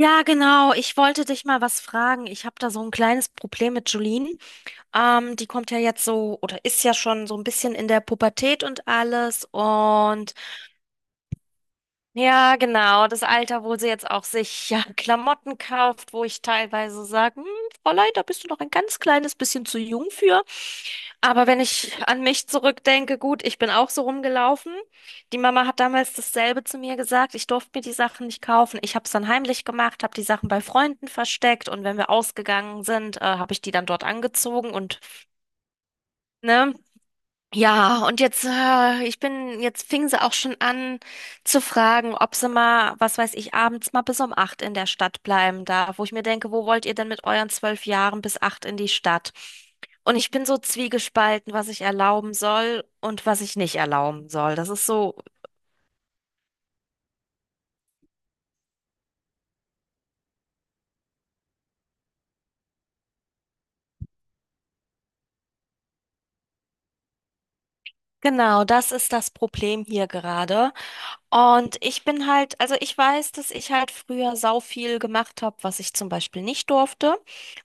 Ja, genau. Ich wollte dich mal was fragen. Ich habe da so ein kleines Problem mit Julien. Die kommt ja jetzt so oder ist ja schon so ein bisschen in der Pubertät und alles. Und ja, genau, das Alter, wo sie jetzt auch sich, ja, Klamotten kauft, wo ich teilweise sage, hm, Fräulein, da bist du noch ein ganz kleines bisschen zu jung für. Aber wenn ich an mich zurückdenke, gut, ich bin auch so rumgelaufen. Die Mama hat damals dasselbe zu mir gesagt. Ich durfte mir die Sachen nicht kaufen. Ich habe es dann heimlich gemacht, habe die Sachen bei Freunden versteckt, und wenn wir ausgegangen sind, habe ich die dann dort angezogen und, ne. Ja, und jetzt, jetzt fing sie auch schon an zu fragen, ob sie mal, was weiß ich, abends mal bis um acht in der Stadt bleiben darf, wo ich mir denke, wo wollt ihr denn mit euren 12 Jahren bis acht in die Stadt? Und ich bin so zwiegespalten, was ich erlauben soll und was ich nicht erlauben soll. Das ist so, genau, das ist das Problem hier gerade. Und ich bin halt, also ich weiß, dass ich halt früher sau viel gemacht habe, was ich zum Beispiel nicht durfte.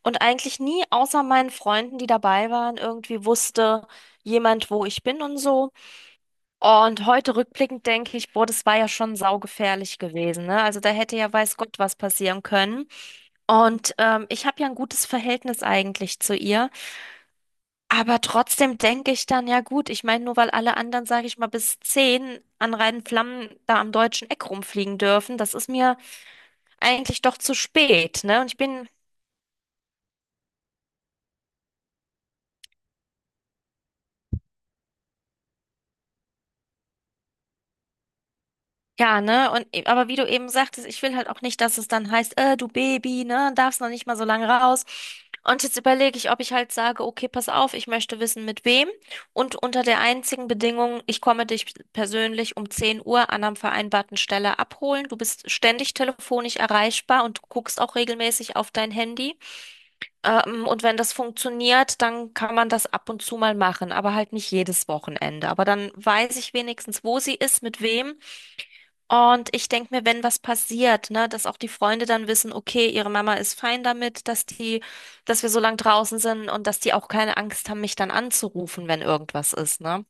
Und eigentlich nie außer meinen Freunden, die dabei waren, irgendwie wusste jemand, wo ich bin und so. Und heute rückblickend denke ich, boah, das war ja schon saugefährlich gewesen, ne? Also da hätte ja weiß Gott was passieren können. Und ich habe ja ein gutes Verhältnis eigentlich zu ihr. Aber trotzdem denke ich dann, ja gut, ich meine, nur weil alle anderen, sage ich mal, bis zehn an reinen Flammen da am deutschen Eck rumfliegen dürfen, das ist mir eigentlich doch zu spät, ne? Und ich bin. Ja, ne? Und aber wie du eben sagtest, ich will halt auch nicht, dass es dann heißt, du Baby, ne, darfst noch nicht mal so lange raus. Und jetzt überlege ich, ob ich halt sage, okay, pass auf, ich möchte wissen, mit wem. Und unter der einzigen Bedingung: Ich komme dich persönlich um 10 Uhr an einer vereinbarten Stelle abholen. Du bist ständig telefonisch erreichbar und guckst auch regelmäßig auf dein Handy. Und wenn das funktioniert, dann kann man das ab und zu mal machen, aber halt nicht jedes Wochenende. Aber dann weiß ich wenigstens, wo sie ist, mit wem. Und ich denke mir, wenn was passiert, ne, dass auch die Freunde dann wissen, okay, ihre Mama ist fein damit, dass wir so lang draußen sind, und dass die auch keine Angst haben, mich dann anzurufen, wenn irgendwas ist, ne?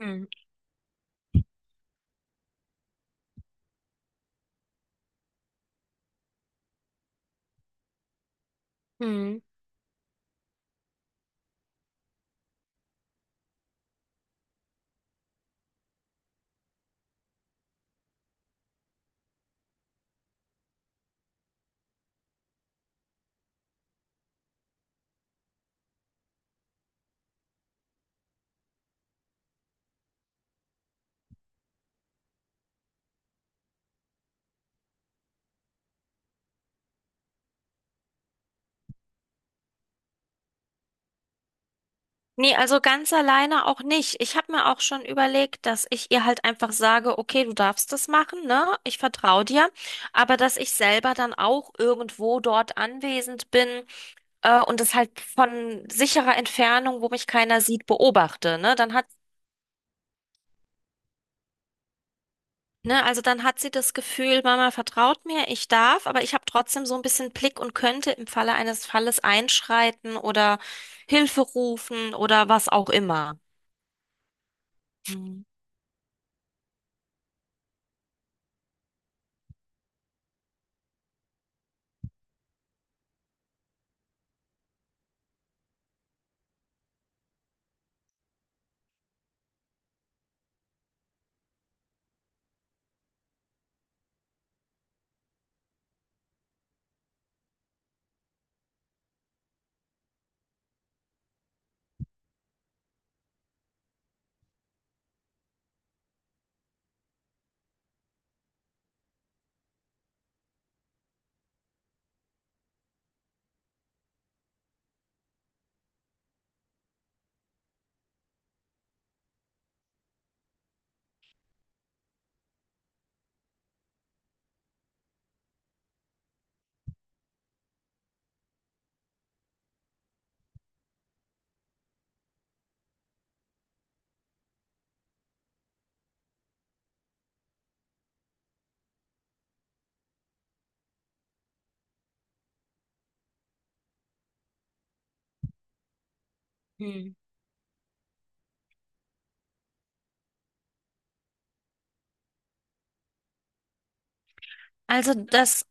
Hm. Hm. Nee, also ganz alleine auch nicht. Ich habe mir auch schon überlegt, dass ich ihr halt einfach sage, okay, du darfst das machen, ne? Ich vertraue dir, aber dass ich selber dann auch irgendwo dort anwesend bin, und das halt von sicherer Entfernung, wo mich keiner sieht, beobachte, ne? Dann hat. Ne, also dann hat sie das Gefühl, Mama vertraut mir, ich darf, aber ich habe trotzdem so ein bisschen Blick und könnte im Falle eines Falles einschreiten oder Hilfe rufen oder was auch immer. Hm. Hm. Also das.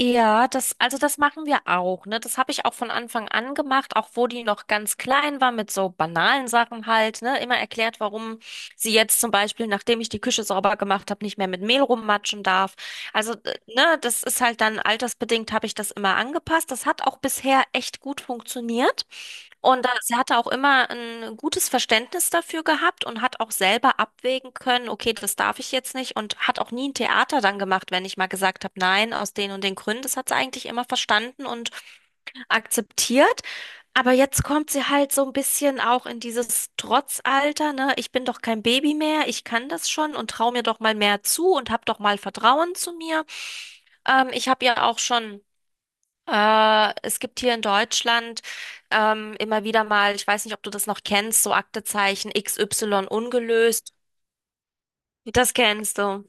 Ja, das, also das machen wir auch, ne? Das habe ich auch von Anfang an gemacht, auch wo die noch ganz klein war, mit so banalen Sachen halt, ne? Immer erklärt, warum sie jetzt zum Beispiel, nachdem ich die Küche sauber gemacht habe, nicht mehr mit Mehl rummatschen darf. Also, ne, das ist halt dann altersbedingt, habe ich das immer angepasst. Das hat auch bisher echt gut funktioniert. Und da, sie hatte auch immer ein gutes Verständnis dafür gehabt und hat auch selber abwägen können, okay, das darf ich jetzt nicht, und hat auch nie ein Theater dann gemacht, wenn ich mal gesagt habe, nein, aus den und den Gründen. Das hat sie eigentlich immer verstanden und akzeptiert. Aber jetzt kommt sie halt so ein bisschen auch in dieses Trotzalter, ne? Ich bin doch kein Baby mehr, ich kann das schon und traue mir doch mal mehr zu und hab doch mal Vertrauen zu mir. Ich habe ja auch schon es gibt hier in Deutschland immer wieder mal, ich weiß nicht, ob du das noch kennst, so Aktezeichen XY ungelöst. Das kennst du?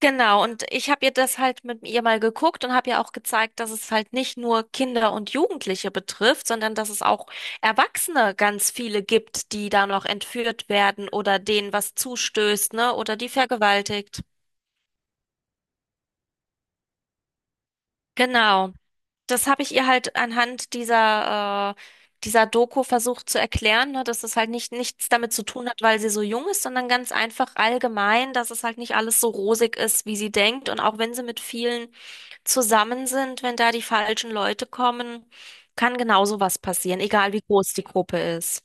Genau, und ich habe ihr das halt mit ihr mal geguckt und habe ihr auch gezeigt, dass es halt nicht nur Kinder und Jugendliche betrifft, sondern dass es auch Erwachsene ganz viele gibt, die da noch entführt werden oder denen was zustößt, ne, oder die vergewaltigt. Genau. Das habe ich ihr halt anhand dieser Doku versucht zu erklären, ne, dass es halt nicht nichts damit zu tun hat, weil sie so jung ist, sondern ganz einfach allgemein, dass es halt nicht alles so rosig ist, wie sie denkt. Und auch wenn sie mit vielen zusammen sind, wenn da die falschen Leute kommen, kann genauso was passieren, egal wie groß die Gruppe ist.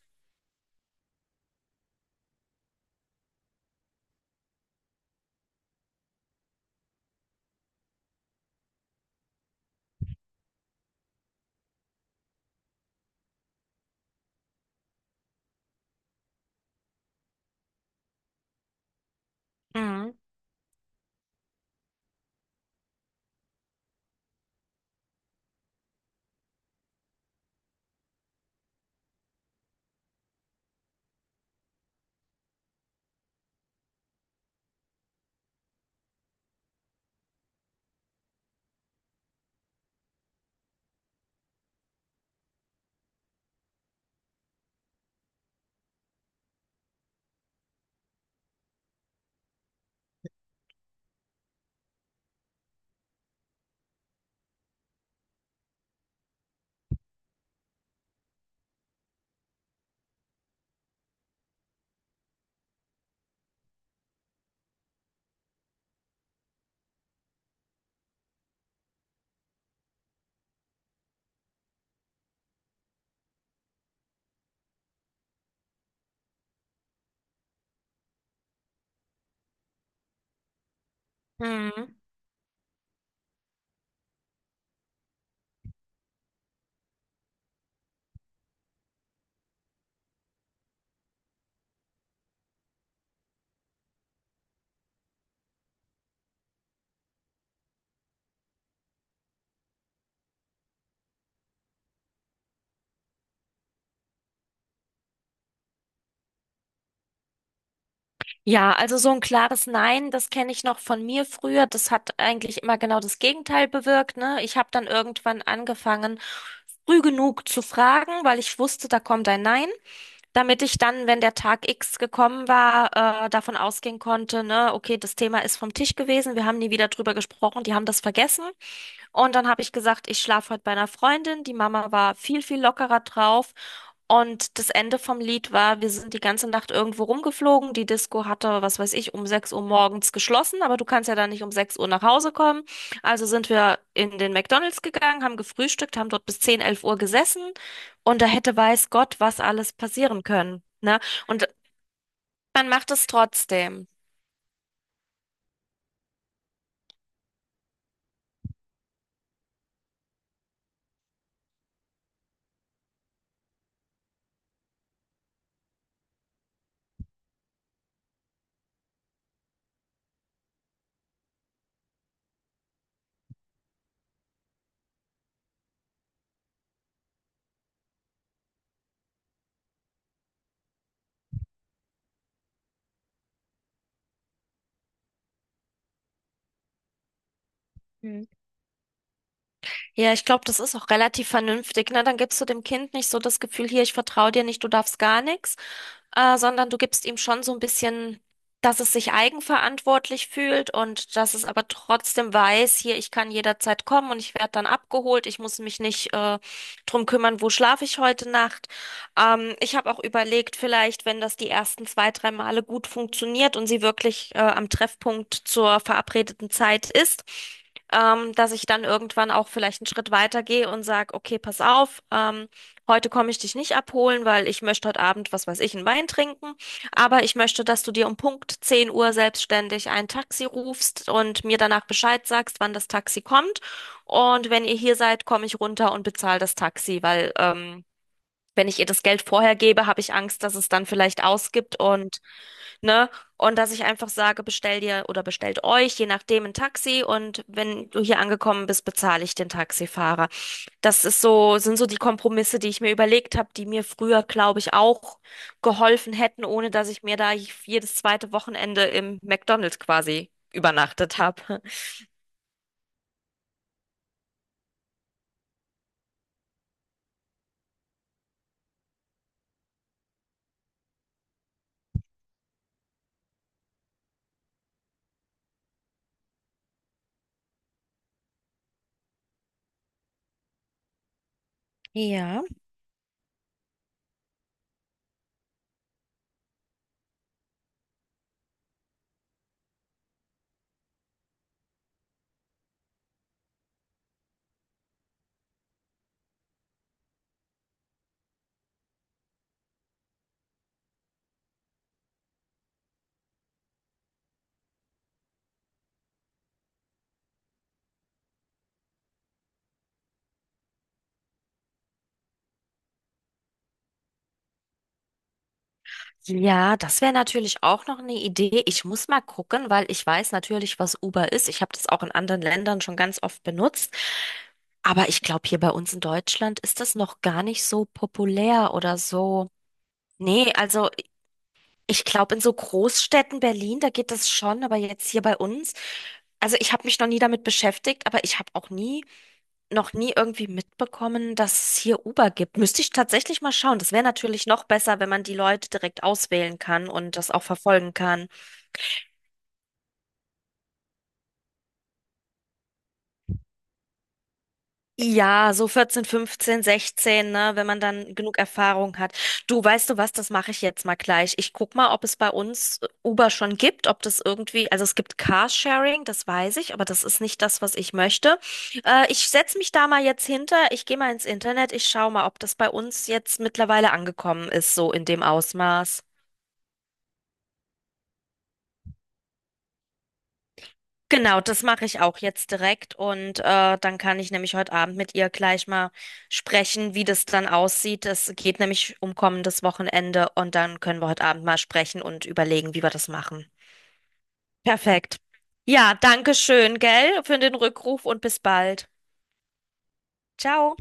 Mhm. Mhm. Ja, also so ein klares Nein, das kenne ich noch von mir früher. Das hat eigentlich immer genau das Gegenteil bewirkt, ne? Ich habe dann irgendwann angefangen, früh genug zu fragen, weil ich wusste, da kommt ein Nein, damit ich dann, wenn der Tag X gekommen war, davon ausgehen konnte, ne, okay, das Thema ist vom Tisch gewesen, wir haben nie wieder drüber gesprochen, die haben das vergessen. Und dann habe ich gesagt, ich schlafe heute bei einer Freundin. Die Mama war viel, viel lockerer drauf. Und das Ende vom Lied war, wir sind die ganze Nacht irgendwo rumgeflogen. Die Disco hatte, was weiß ich, um 6 Uhr morgens geschlossen, aber du kannst ja dann nicht um 6 Uhr nach Hause kommen. Also sind wir in den McDonald's gegangen, haben gefrühstückt, haben dort bis zehn, 11 Uhr gesessen. Und da hätte weiß Gott, was alles passieren können. Ne? Und man macht es trotzdem. Ja, ich glaube, das ist auch relativ vernünftig, ne? Dann gibst du dem Kind nicht so das Gefühl, hier, ich vertraue dir nicht, du darfst gar nichts, sondern du gibst ihm schon so ein bisschen, dass es sich eigenverantwortlich fühlt und dass es aber trotzdem weiß, hier, ich kann jederzeit kommen und ich werde dann abgeholt. Ich muss mich nicht, drum kümmern, wo schlafe ich heute Nacht. Ich habe auch überlegt, vielleicht, wenn das die ersten zwei, drei Male gut funktioniert und sie wirklich, am Treffpunkt zur verabredeten Zeit ist, dass ich dann irgendwann auch vielleicht einen Schritt weiter gehe und sage, okay, pass auf, heute komme ich dich nicht abholen, weil ich möchte heute Abend, was weiß ich, einen Wein trinken, aber ich möchte, dass du dir um Punkt 10 Uhr selbstständig ein Taxi rufst und mir danach Bescheid sagst, wann das Taxi kommt. Und wenn ihr hier seid, komme ich runter und bezahle das Taxi, weil wenn ich ihr das Geld vorher gebe, habe ich Angst, dass es dann vielleicht ausgibt und, ne? Und dass ich einfach sage, bestell dir oder bestellt euch, je nachdem, ein Taxi, und wenn du hier angekommen bist, bezahle ich den Taxifahrer. Das ist so, sind so die Kompromisse, die ich mir überlegt habe, die mir früher, glaube ich, auch geholfen hätten, ohne dass ich mir da jedes zweite Wochenende im McDonald's quasi übernachtet habe. Ja. Ja, das wäre natürlich auch noch eine Idee. Ich muss mal gucken, weil ich weiß natürlich, was Uber ist. Ich habe das auch in anderen Ländern schon ganz oft benutzt. Aber ich glaube, hier bei uns in Deutschland ist das noch gar nicht so populär oder so. Nee, also ich glaube, in so Großstädten Berlin, da geht das schon, aber jetzt hier bei uns, also ich habe mich noch nie damit beschäftigt, aber ich habe auch nie noch nie irgendwie mitbekommen, dass es hier Uber gibt. Müsste ich tatsächlich mal schauen. Das wäre natürlich noch besser, wenn man die Leute direkt auswählen kann und das auch verfolgen kann. Ja, so 14, 15, 16, ne, wenn man dann genug Erfahrung hat. Du, weißt du was, das mache ich jetzt mal gleich. Ich guck mal, ob es bei uns Uber schon gibt, ob das irgendwie, also es gibt Carsharing, das weiß ich, aber das ist nicht das, was ich möchte. Ich setze mich da mal jetzt hinter, ich gehe mal ins Internet, ich schaue mal, ob das bei uns jetzt mittlerweile angekommen ist, so in dem Ausmaß. Genau, das mache ich auch jetzt direkt, und dann kann ich nämlich heute Abend mit ihr gleich mal sprechen, wie das dann aussieht. Es geht nämlich um kommendes Wochenende und dann können wir heute Abend mal sprechen und überlegen, wie wir das machen. Perfekt. Ja, danke schön, gell, für den Rückruf und bis bald. Ciao.